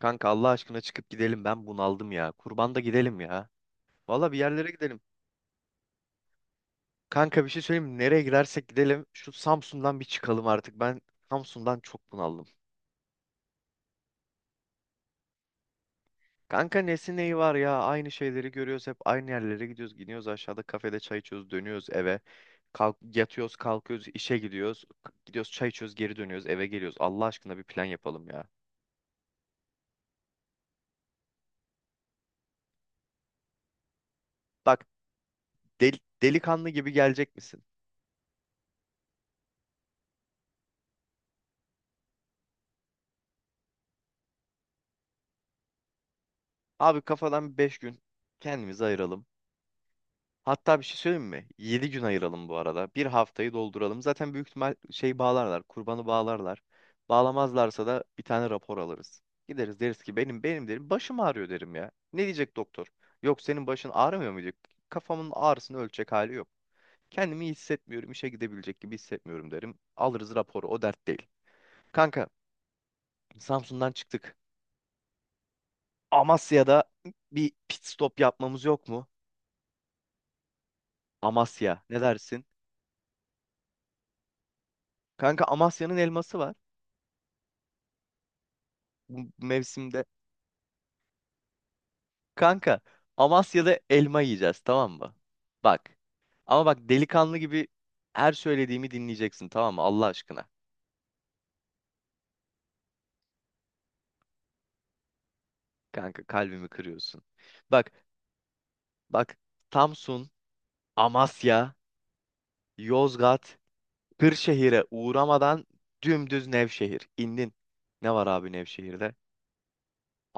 Kanka Allah aşkına çıkıp gidelim. Ben bunaldım ya. Kurban da gidelim ya. Valla bir yerlere gidelim. Kanka bir şey söyleyeyim mi? Nereye gidersek gidelim. Şu Samsun'dan bir çıkalım artık. Ben Samsun'dan çok bunaldım. Kanka nesi neyi var ya? Aynı şeyleri görüyoruz. Hep aynı yerlere gidiyoruz. Gidiyoruz aşağıda kafede çay içiyoruz. Dönüyoruz eve. Kalk, yatıyoruz kalkıyoruz işe gidiyoruz. Gidiyoruz çay içiyoruz geri dönüyoruz eve geliyoruz. Allah aşkına bir plan yapalım ya. Bak delikanlı gibi gelecek misin? Abi kafadan 5 gün kendimizi ayıralım. Hatta bir şey söyleyeyim mi? 7 gün ayıralım bu arada. Bir haftayı dolduralım. Zaten büyük ihtimal şey bağlarlar. Kurbanı bağlarlar. Bağlamazlarsa da bir tane rapor alırız. Gideriz deriz ki benim derim başım ağrıyor derim ya. Ne diyecek doktor? Yok senin başın ağrımıyor mu diyor. Kafamın ağrısını ölçecek hali yok. Kendimi iyi hissetmiyorum, işe gidebilecek gibi hissetmiyorum derim. Alırız raporu, o dert değil. Kanka, Samsun'dan çıktık. Amasya'da bir pit stop yapmamız yok mu? Amasya, ne dersin? Kanka Amasya'nın elması var, bu mevsimde. Kanka Amasya'da elma yiyeceğiz tamam mı? Bak. Ama bak delikanlı gibi her söylediğimi dinleyeceksin tamam mı? Allah aşkına. Kanka kalbimi kırıyorsun. Bak bak Samsun, Amasya, Yozgat, Kırşehir'e uğramadan dümdüz Nevşehir. İndin. Ne var abi Nevşehir'de?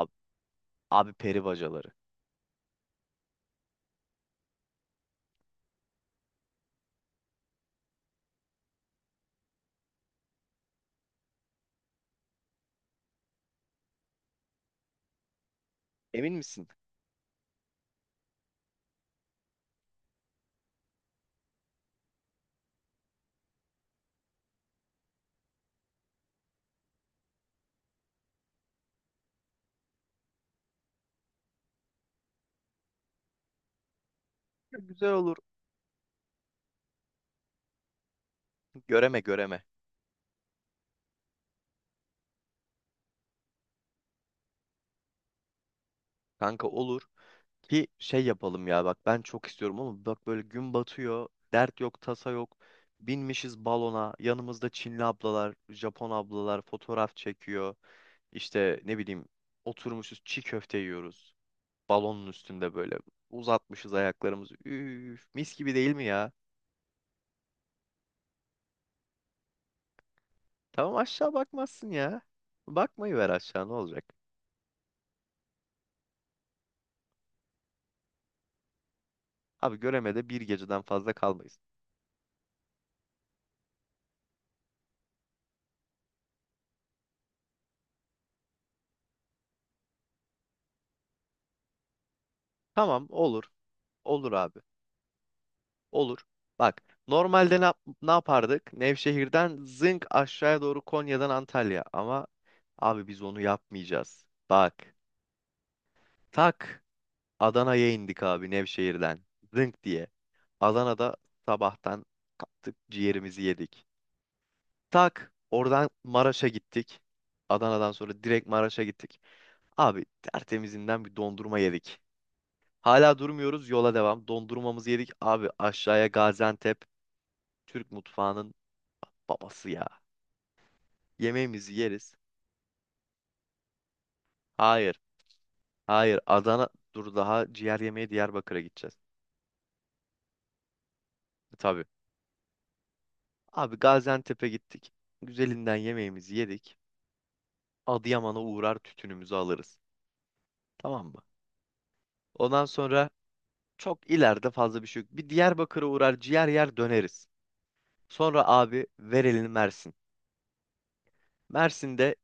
Abi, abi peri bacaları. Emin misin? Ya, güzel olur. Göreme, göreme. Kanka olur ki şey yapalım ya, bak ben çok istiyorum ama bak böyle gün batıyor. Dert yok tasa yok. Binmişiz balona. Yanımızda Çinli ablalar, Japon ablalar fotoğraf çekiyor. İşte ne bileyim oturmuşuz çiğ köfte yiyoruz. Balonun üstünde böyle uzatmışız ayaklarımızı. Üf, mis gibi değil mi ya? Tamam aşağı bakmazsın ya. Bakmayı ver aşağı ne olacak? Abi göremede bir geceden fazla kalmayız. Tamam olur. Olur abi. Olur. Bak normalde ne, ne yapardık? Nevşehir'den zınk aşağıya doğru Konya'dan Antalya. Ama abi biz onu yapmayacağız. Bak tak Adana'ya indik abi Nevşehir'den. Zınk diye. Adana'da sabahtan kalktık ciğerimizi yedik. Tak oradan Maraş'a gittik. Adana'dan sonra direkt Maraş'a gittik. Abi tertemizinden bir dondurma yedik. Hala durmuyoruz yola devam. Dondurmamızı yedik. Abi aşağıya Gaziantep Türk mutfağının babası ya. Yemeğimizi yeriz. Hayır. Hayır. Adana. Dur daha ciğer yemeye Diyarbakır'a gideceğiz. E, tabii. Abi Gaziantep'e gittik. Güzelinden yemeğimizi yedik. Adıyaman'a uğrar tütünümüzü alırız. Tamam mı? Ondan sonra çok ileride fazla bir şey yok. Bir Diyarbakır'a uğrar ciğer yer döneriz. Sonra abi ver elini Mersin. Mersin'de,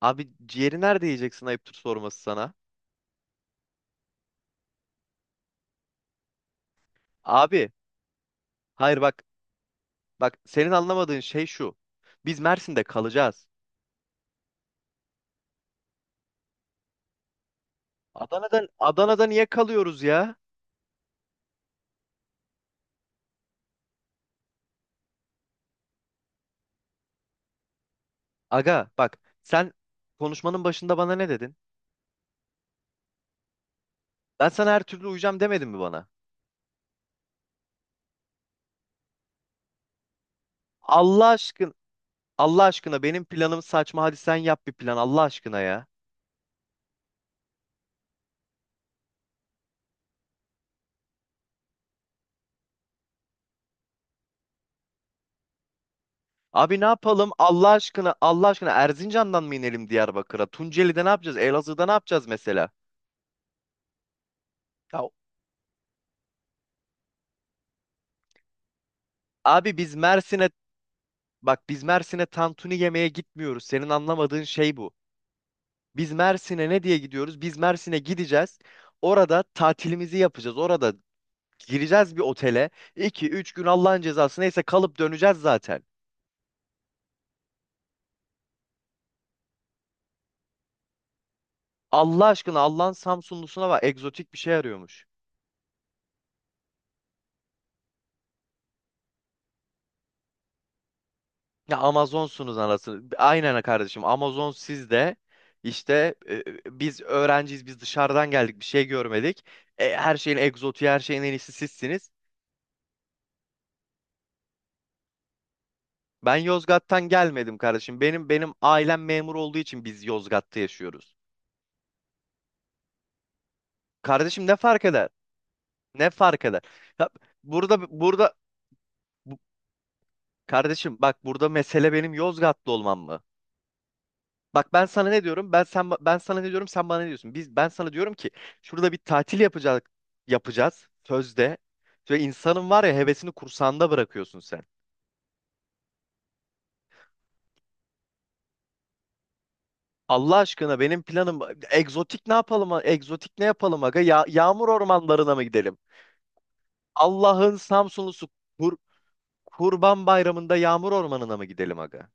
abi ciğeri nerede yiyeceksin ayıptır sorması sana. Abi hayır, bak senin anlamadığın şey şu. Biz Mersin'de kalacağız. Adana'da niye kalıyoruz ya? Aga bak, sen konuşmanın başında bana ne dedin? Ben sana her türlü uyacağım demedin mi bana? Allah aşkın Allah aşkına benim planım saçma, hadi sen yap bir plan Allah aşkına ya. Abi ne yapalım Allah aşkına Erzincan'dan mı inelim Diyarbakır'a? Tunceli'de ne yapacağız? Elazığ'da ne yapacağız mesela? Ya, abi biz Mersin'e bak biz Mersin'e tantuni yemeye gitmiyoruz. Senin anlamadığın şey bu. Biz Mersin'e ne diye gidiyoruz? Biz Mersin'e gideceğiz. Orada tatilimizi yapacağız. Orada gireceğiz bir otele. İki üç gün Allah'ın cezası neyse kalıp döneceğiz zaten. Allah aşkına, Allah'ın Samsunlusuna var. Egzotik bir şey arıyormuş. Ya Amazonsunuz anasını. Aynen kardeşim, Amazon siz de. İşte biz öğrenciyiz, biz dışarıdan geldik bir şey görmedik. E, her şeyin egzotiği, her şeyin en iyisi sizsiniz. Ben Yozgat'tan gelmedim kardeşim. Benim ailem memur olduğu için biz Yozgat'ta yaşıyoruz. Kardeşim ne fark eder? Ne fark eder? Ya, burada burada bu- kardeşim bak, burada mesele benim Yozgatlı olmam mı? Bak ben sana ne diyorum? Ben sana ne diyorum? Sen bana ne diyorsun? Ben sana diyorum ki şurada bir tatil yapacağız sözde. Ve insanın var ya hevesini kursağında bırakıyorsun sen. Allah aşkına benim planım egzotik, ne yapalım? Egzotik ne yapalım aga? Ya, yağmur ormanlarına mı gidelim? Allah'ın Samsunlusu, kur, Kurban Bayramı'nda yağmur ormanına mı gidelim aga?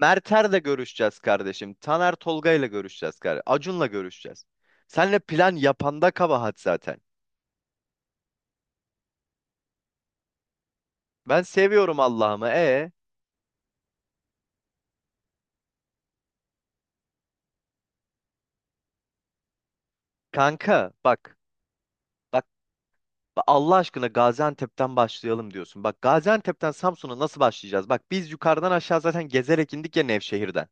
Mert'erle görüşeceğiz kardeşim. Taner Tolga'yla görüşeceğiz kardeşim. Acun'la görüşeceğiz. Senle plan yapanda kabahat zaten. Ben seviyorum Allah'ımı. E kanka bak. Bak bak Allah aşkına Gaziantep'ten başlayalım diyorsun. Bak Gaziantep'ten Samsun'a nasıl başlayacağız? Bak biz yukarıdan aşağı zaten gezerek indik ya Nevşehir'den.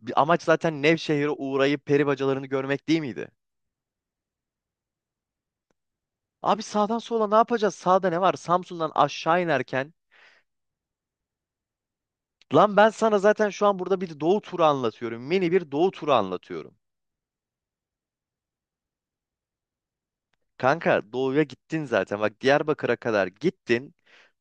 Bir amaç zaten Nevşehir'e uğrayıp peri bacalarını görmek değil miydi? Abi sağdan sola ne yapacağız? Sağda ne var? Samsun'dan aşağı inerken lan ben sana zaten şu an burada bir doğu turu anlatıyorum. Mini bir doğu turu anlatıyorum. Kanka doğuya gittin zaten. Bak Diyarbakır'a kadar gittin.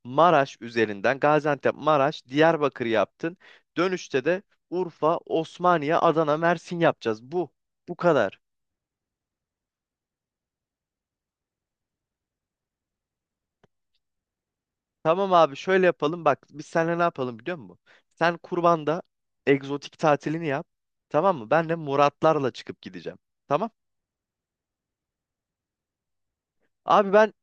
Maraş üzerinden Gaziantep, Maraş, Diyarbakır yaptın. Dönüşte de Urfa, Osmaniye, Adana, Mersin yapacağız. Bu. Bu kadar. Tamam abi şöyle yapalım. Bak biz seninle ne yapalım biliyor musun? Sen kurbanda egzotik tatilini yap. Tamam mı? Ben de Muratlarla çıkıp gideceğim. Tamam. Abi ben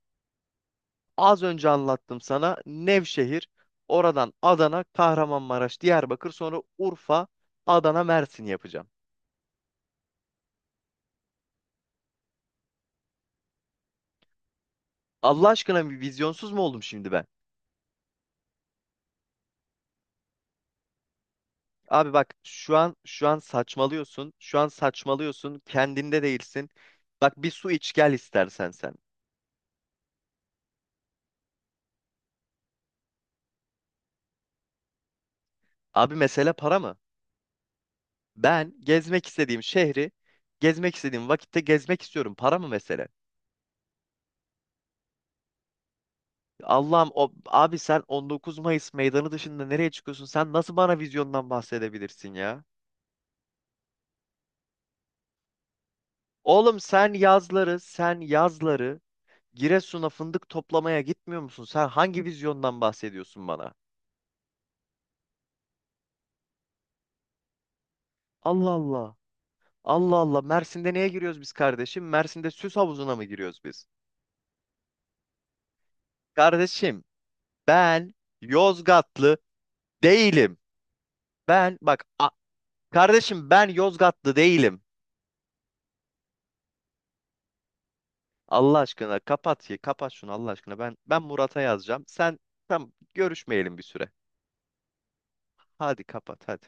az önce anlattım sana Nevşehir, oradan Adana, Kahramanmaraş, Diyarbakır, sonra Urfa, Adana, Mersin yapacağım. Allah aşkına, bir vizyonsuz mu oldum şimdi ben? Abi bak, şu an saçmalıyorsun. Şu an saçmalıyorsun. Kendinde değilsin. Bak bir su iç gel istersen sen. Abi mesele para mı? Ben gezmek istediğim şehri gezmek istediğim vakitte gezmek istiyorum. Para mı mesele? Allah'ım, o abi sen 19 Mayıs Meydanı dışında nereye çıkıyorsun? Sen nasıl bana vizyondan bahsedebilirsin ya? Oğlum sen yazları Giresun'a fındık toplamaya gitmiyor musun? Sen hangi vizyondan bahsediyorsun bana? Allah Allah. Allah Allah. Mersin'de neye giriyoruz biz kardeşim? Mersin'de süs havuzuna mı giriyoruz biz? Kardeşim ben Yozgatlı değilim. Ben bak a- kardeşim ben Yozgatlı değilim. Allah aşkına kapat ya, kapat şunu Allah aşkına. Ben Murat'a yazacağım. Sen tam görüşmeyelim bir süre. Hadi kapat hadi.